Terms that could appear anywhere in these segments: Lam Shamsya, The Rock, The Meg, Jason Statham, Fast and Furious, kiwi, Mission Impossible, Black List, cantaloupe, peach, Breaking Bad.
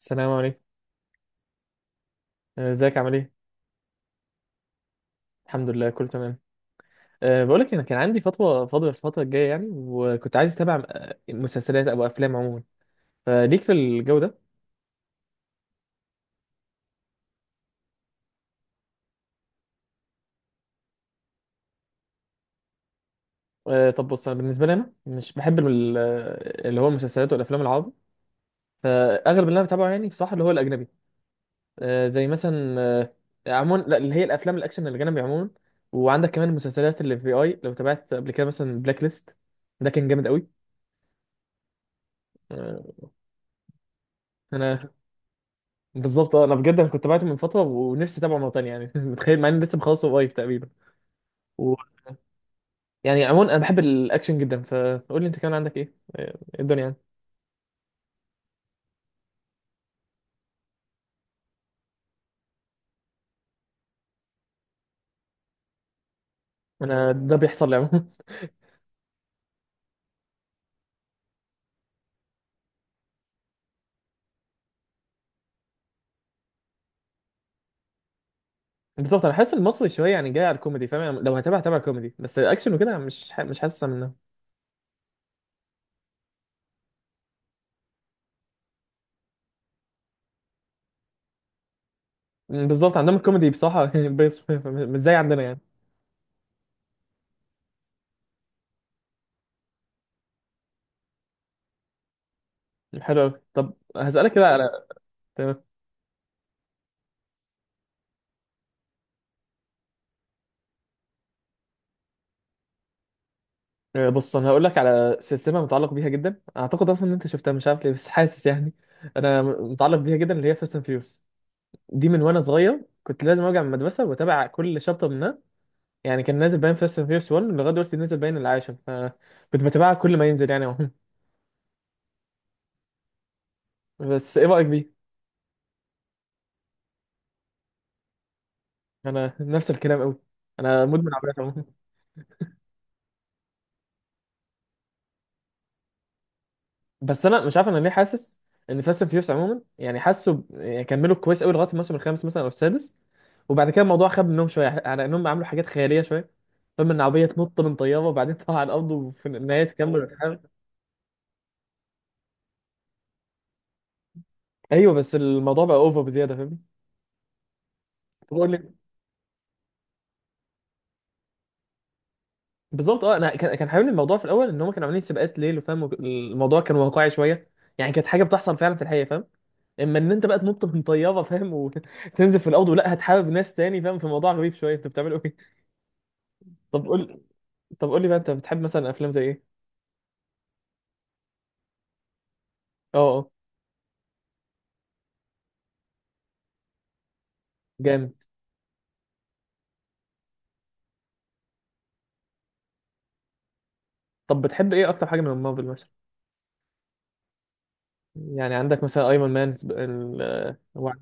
السلام عليكم. ازيك عامل ايه؟ الحمد لله كله تمام. بقول لك انا كان عندي فتوى فاضيه الفتره الجايه يعني وكنت عايز اتابع مسلسلات او افلام عموما. فليك في الجو ده؟ طب بص انا بالنسبه لي انا مش بحب اللي هو المسلسلات والافلام العربي. فاغلب اللي انا بتابعه يعني بصراحه اللي هو الاجنبي. زي مثلا عموما لا، اللي هي الافلام الاكشن الاجنبي عموما. وعندك كمان المسلسلات اللي في اي لو تابعت قبل كده مثلا بلاك ليست. ده كان جامد قوي. أه انا بالظبط انا بجد انا كنت بعته من فتره ونفسي اتابعه مره تانية يعني متخيل مع اني لسه مخلصه قريب تقريبا. و... يعني عموما انا بحب الاكشن جدا فقول لي انت كمان عندك ايه إيه الدنيا يعني؟ انا ده بيحصل لي عموما. بالظبط انا حاسس المصري شويه يعني جاي على الكوميدي فاهم يعني لو هتابع كوميدي بس الاكشن وكده مش حاسس منه. بالظبط عندهم الكوميدي بصراحه مش زي عندنا يعني. حلو قوي. طب هسالك كده على تمام. بص انا هقول لك على سلسله متعلق بيها جدا اعتقد اصلا ان انت شفتها مش عارف ليه بس حاسس يعني انا متعلق بيها جدا اللي هي فاست اند فيوريوس. دي من وانا صغير كنت لازم ارجع من المدرسه واتابع كل شابتر منها. يعني كان نازل باين فاست اند فيوريوس 1 لغايه دلوقتي نازل باين العاشر فكنت بتابعها كل ما ينزل يعني عموما. بس ايه رايك بيه؟ انا نفس الكلام قوي. انا مدمن عربيات عموما. بس انا مش عارف انا ليه حاسس ان فاست اند فيوريوس عموما يعني حاسه يعني كملوا كويس قوي لغايه الموسم الخامس مثلا او السادس. وبعد كده الموضوع خاب منهم شويه على انهم عملوا حاجات خياليه شويه. فاهم ان عربيه تنط من طياره وبعدين تقع على الارض وفي النهايه تكمل وتحارب. ايوه، بس الموضوع بقى اوفر بزياده. فاهم. بالظبط انا كان حاببني الموضوع في الاول ان هم كانوا عاملين سباقات ليل وفاهم الموضوع كان واقعي شويه. يعني كانت حاجه بتحصل فعلا في الحقيقه فاهم. اما ان انت بقى تنط من طياره فاهم وتنزل في الارض ولا هتحابب ناس تاني فاهم في موضوع غريب شويه انتوا بتعملوا ايه؟ طب قول طب قول لي بقى انت بتحب مثلا افلام زي ايه؟ اه، اه، جامد. طب بتحب ايه اكتر حاجه من مارفل مثلا؟ يعني عندك مثلا ايرون مان هو.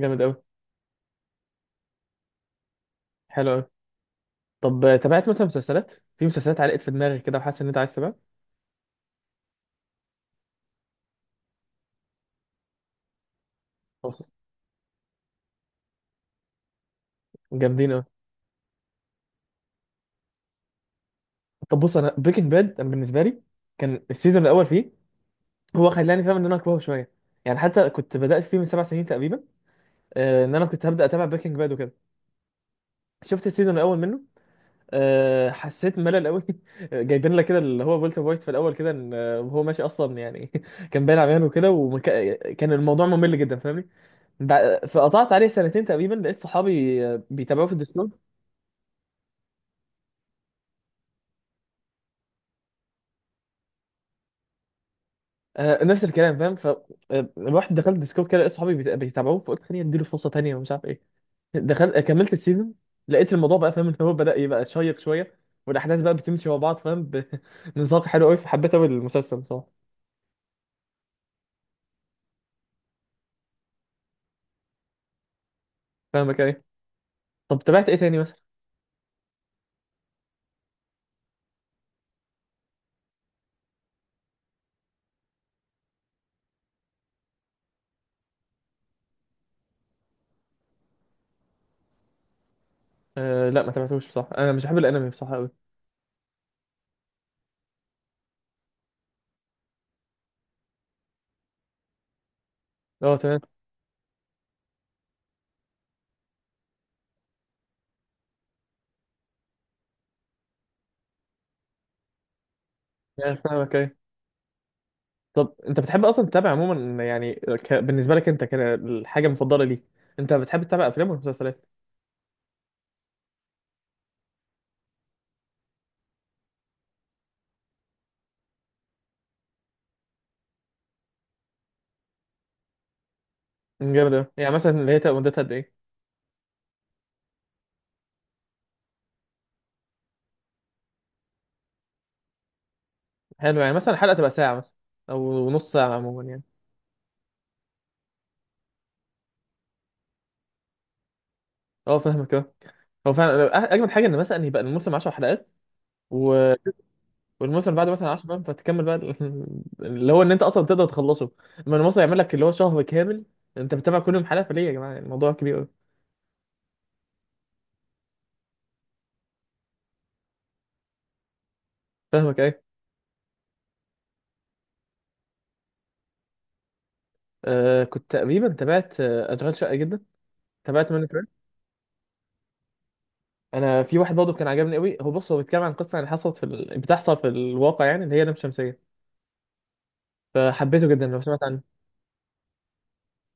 جامد قوي. حلو قوي. طب تابعت مثلا مسلسلات. في مسلسلات علقت في دماغك كده وحاسس ان انت عايز تتابعها. جامدين أوي. طب بص انا بريكنج باد انا بالنسبه لي كان السيزون الاول فيه هو خلاني فاهم ان انا اكرهه شويه. يعني حتى كنت بدات فيه من 7 سنين تقريبا. ان انا كنت هبدا اتابع بريكنج باد وكده. شفت السيزون الاول منه. حسيت ملل قوي. جايبين لك كده اللي هو والتر وايت في الاول كده ان آه، وهو ماشي اصلا يعني كان باين عميان وكده وكان الموضوع ممل جدا فاهمني. فقطعت عليه سنتين تقريبا لقيت صحابي بيتابعوه في الديسكورد. نفس الكلام فاهم رحت دخلت ديسكورد كده لقيت صحابي بيتابعوه فقلت خليني اديله فرصه تانيه ومش عارف ايه. دخلت كملت السيزون. لقيت الموضوع بقى فاهم ان هو بدأ يبقى شيق شويه والاحداث بقى بتمشي مع بعض فاهم. بنساق حلو قوي فحبيت قوي المسلسل بصراحه. فاهمك ايه. طب تابعت ايه تاني مثلا؟ لا ما تابعتوش بصراحه انا مش بحب الانمي بصراحه قوي. اه تمام. يعني فاهمك ايه. طب انت بتحب اصلا تتابع عموما يعني بالنسبه لك انت كده الحاجه المفضله ليك. انت بتحب تتابع افلام ولا مسلسلات؟ جامد أوي. يعني مثلا اللي هي تبقى مدتها قد ايه؟ حلو، يعني مثلا الحلقه تبقى ساعه مثلا او نص ساعه عموما يعني. اه فاهمك اه. هو فعلا اجمد حاجه ان مثلا يبقى الموسم 10 حلقات و... والموسم بعد مثلا 10 فاهم فتكمل بقى اللي هو ان انت اصلا تقدر تخلصه. اما الموسم يعمل لك اللي هو شهر كامل انت بتتابع كل يوم حلقه فليه يا جماعه الموضوع كبير قوي. فاهمك ايه. كنت تقريبا تابعت اشغال شقه جدا. تابعت منه كمان. انا في واحد برضه كان عجبني قوي هو بص هو بيتكلم عن قصه اللي حصلت في بتحصل في الواقع يعني اللي هي لام شمسيه. فحبيته جدا لو سمعت عنه.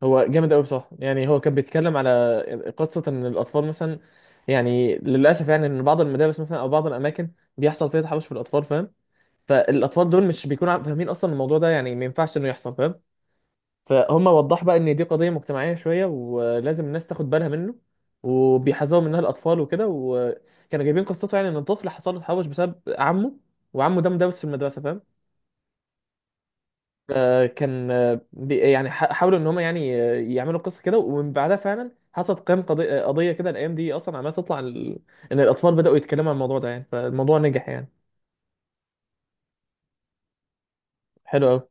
هو جامد قوي بصراحه يعني هو كان بيتكلم على قصه ان الاطفال مثلا يعني للاسف يعني ان بعض المدارس مثلا او بعض الاماكن بيحصل فيها تحرش في الاطفال فاهم. فالاطفال دول مش بيكونوا فاهمين اصلا الموضوع ده يعني ما ينفعش انه يحصل فاهم. فهم وضح بقى ان دي قضيه مجتمعيه شويه ولازم الناس تاخد بالها منه وبيحذروا منها الاطفال وكده وكانوا جايبين قصته يعني ان الطفل حصل له تحرش بسبب عمه وعمه ده مدرس في المدرسه فاهم. كان حاولوا ان هم يعني يعملوا قصه كده ومن بعدها فعلا حصلت قيام قضية كده الايام دي اصلا عماله تطلع عن ان الاطفال بداوا يتكلموا عن الموضوع ده يعني فالموضوع نجح يعني. حلو قوي.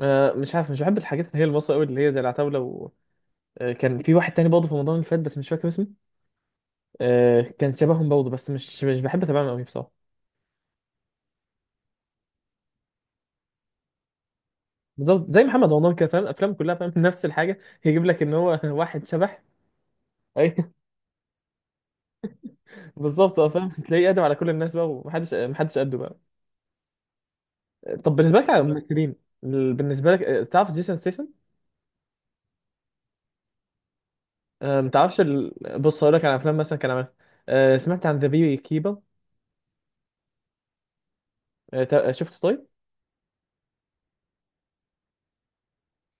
مش عارف مش بحب الحاجات اللي هي المصري قوي اللي هي زي العتاوله كان في واحد تاني برضه في رمضان اللي فات بس مش فاكر اسمه. كان شبههم برضه بس مش بحب اتابعهم قوي بصراحه. بالظبط زي محمد رمضان كده فاهم افلام كلها فاهم نفس الحاجه. يجيب لك ان هو واحد شبح. اي بالظبط فاهم تلاقيه قادم على كل الناس بقى ومحدش قده بقى. طب بالنسبه لك على الممثلين. بالنسبه لك تعرف جيسون ستيسن؟ ما تعرفش بص هقول لك على افلام مثلا كان عملها. سمعت عن ذا بي كيبر؟ شفته طيب.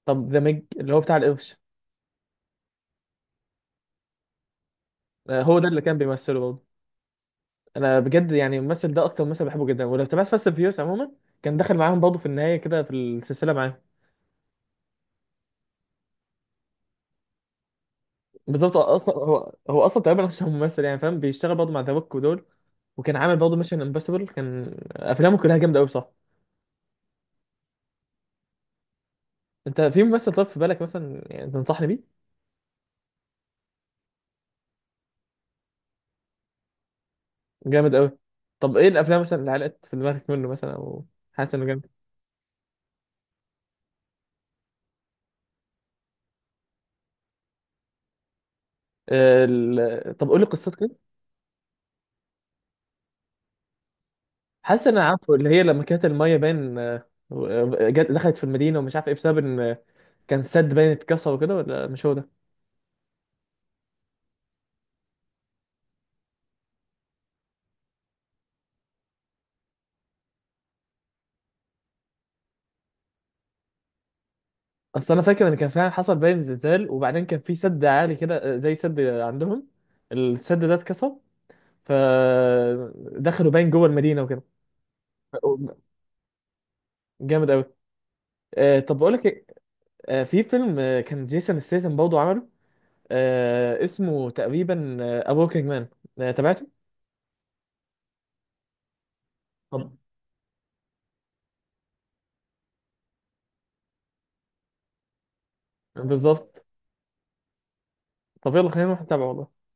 طب ذا ميج اللي هو بتاع القرش. هو ده اللي كان بيمثله برضه. انا بجد يعني الممثل ده اكتر ممثل بحبه جدا ولو تابعت فاست فيوس عموما كان دخل معاهم برضه في النهايه كده في السلسله معاهم. بالظبط هو اصلا تقريبا مش ممثل يعني فاهم بيشتغل برضه مع ذا روك ودول. وكان عامل برضه ميشن امبوسيبل كان افلامه كلها جامده قوي صح؟ انت في ممثل طب في بالك مثلا يعني تنصحني بيه؟ جامد قوي. طب ايه الافلام مثلا اللي علقت في دماغك منه مثلا او حاسس انه جامد؟ طب قولي قصته كده. حاسس ان انا عارفه اللي هي لما كانت الميه باين جت دخلت في المدينه ومش عارف ايه بسبب ان كان سد باين اتكسر وكده ولا مش هو ده؟ اصل انا فاكر ان كان فعلا حصل باين زلزال وبعدين كان في سد عالي كده زي سد عندهم. السد ده اتكسر فدخلوا باين جوه المدينه وكده. جامد قوي. طب بقول لك ايه، في فيلم كان جيسون ستاثام برضه عمله. اسمه تقريبا افوركينج مان. تابعته؟ طب. بالظبط. طب يلا خلينا نروح نتابعه والله.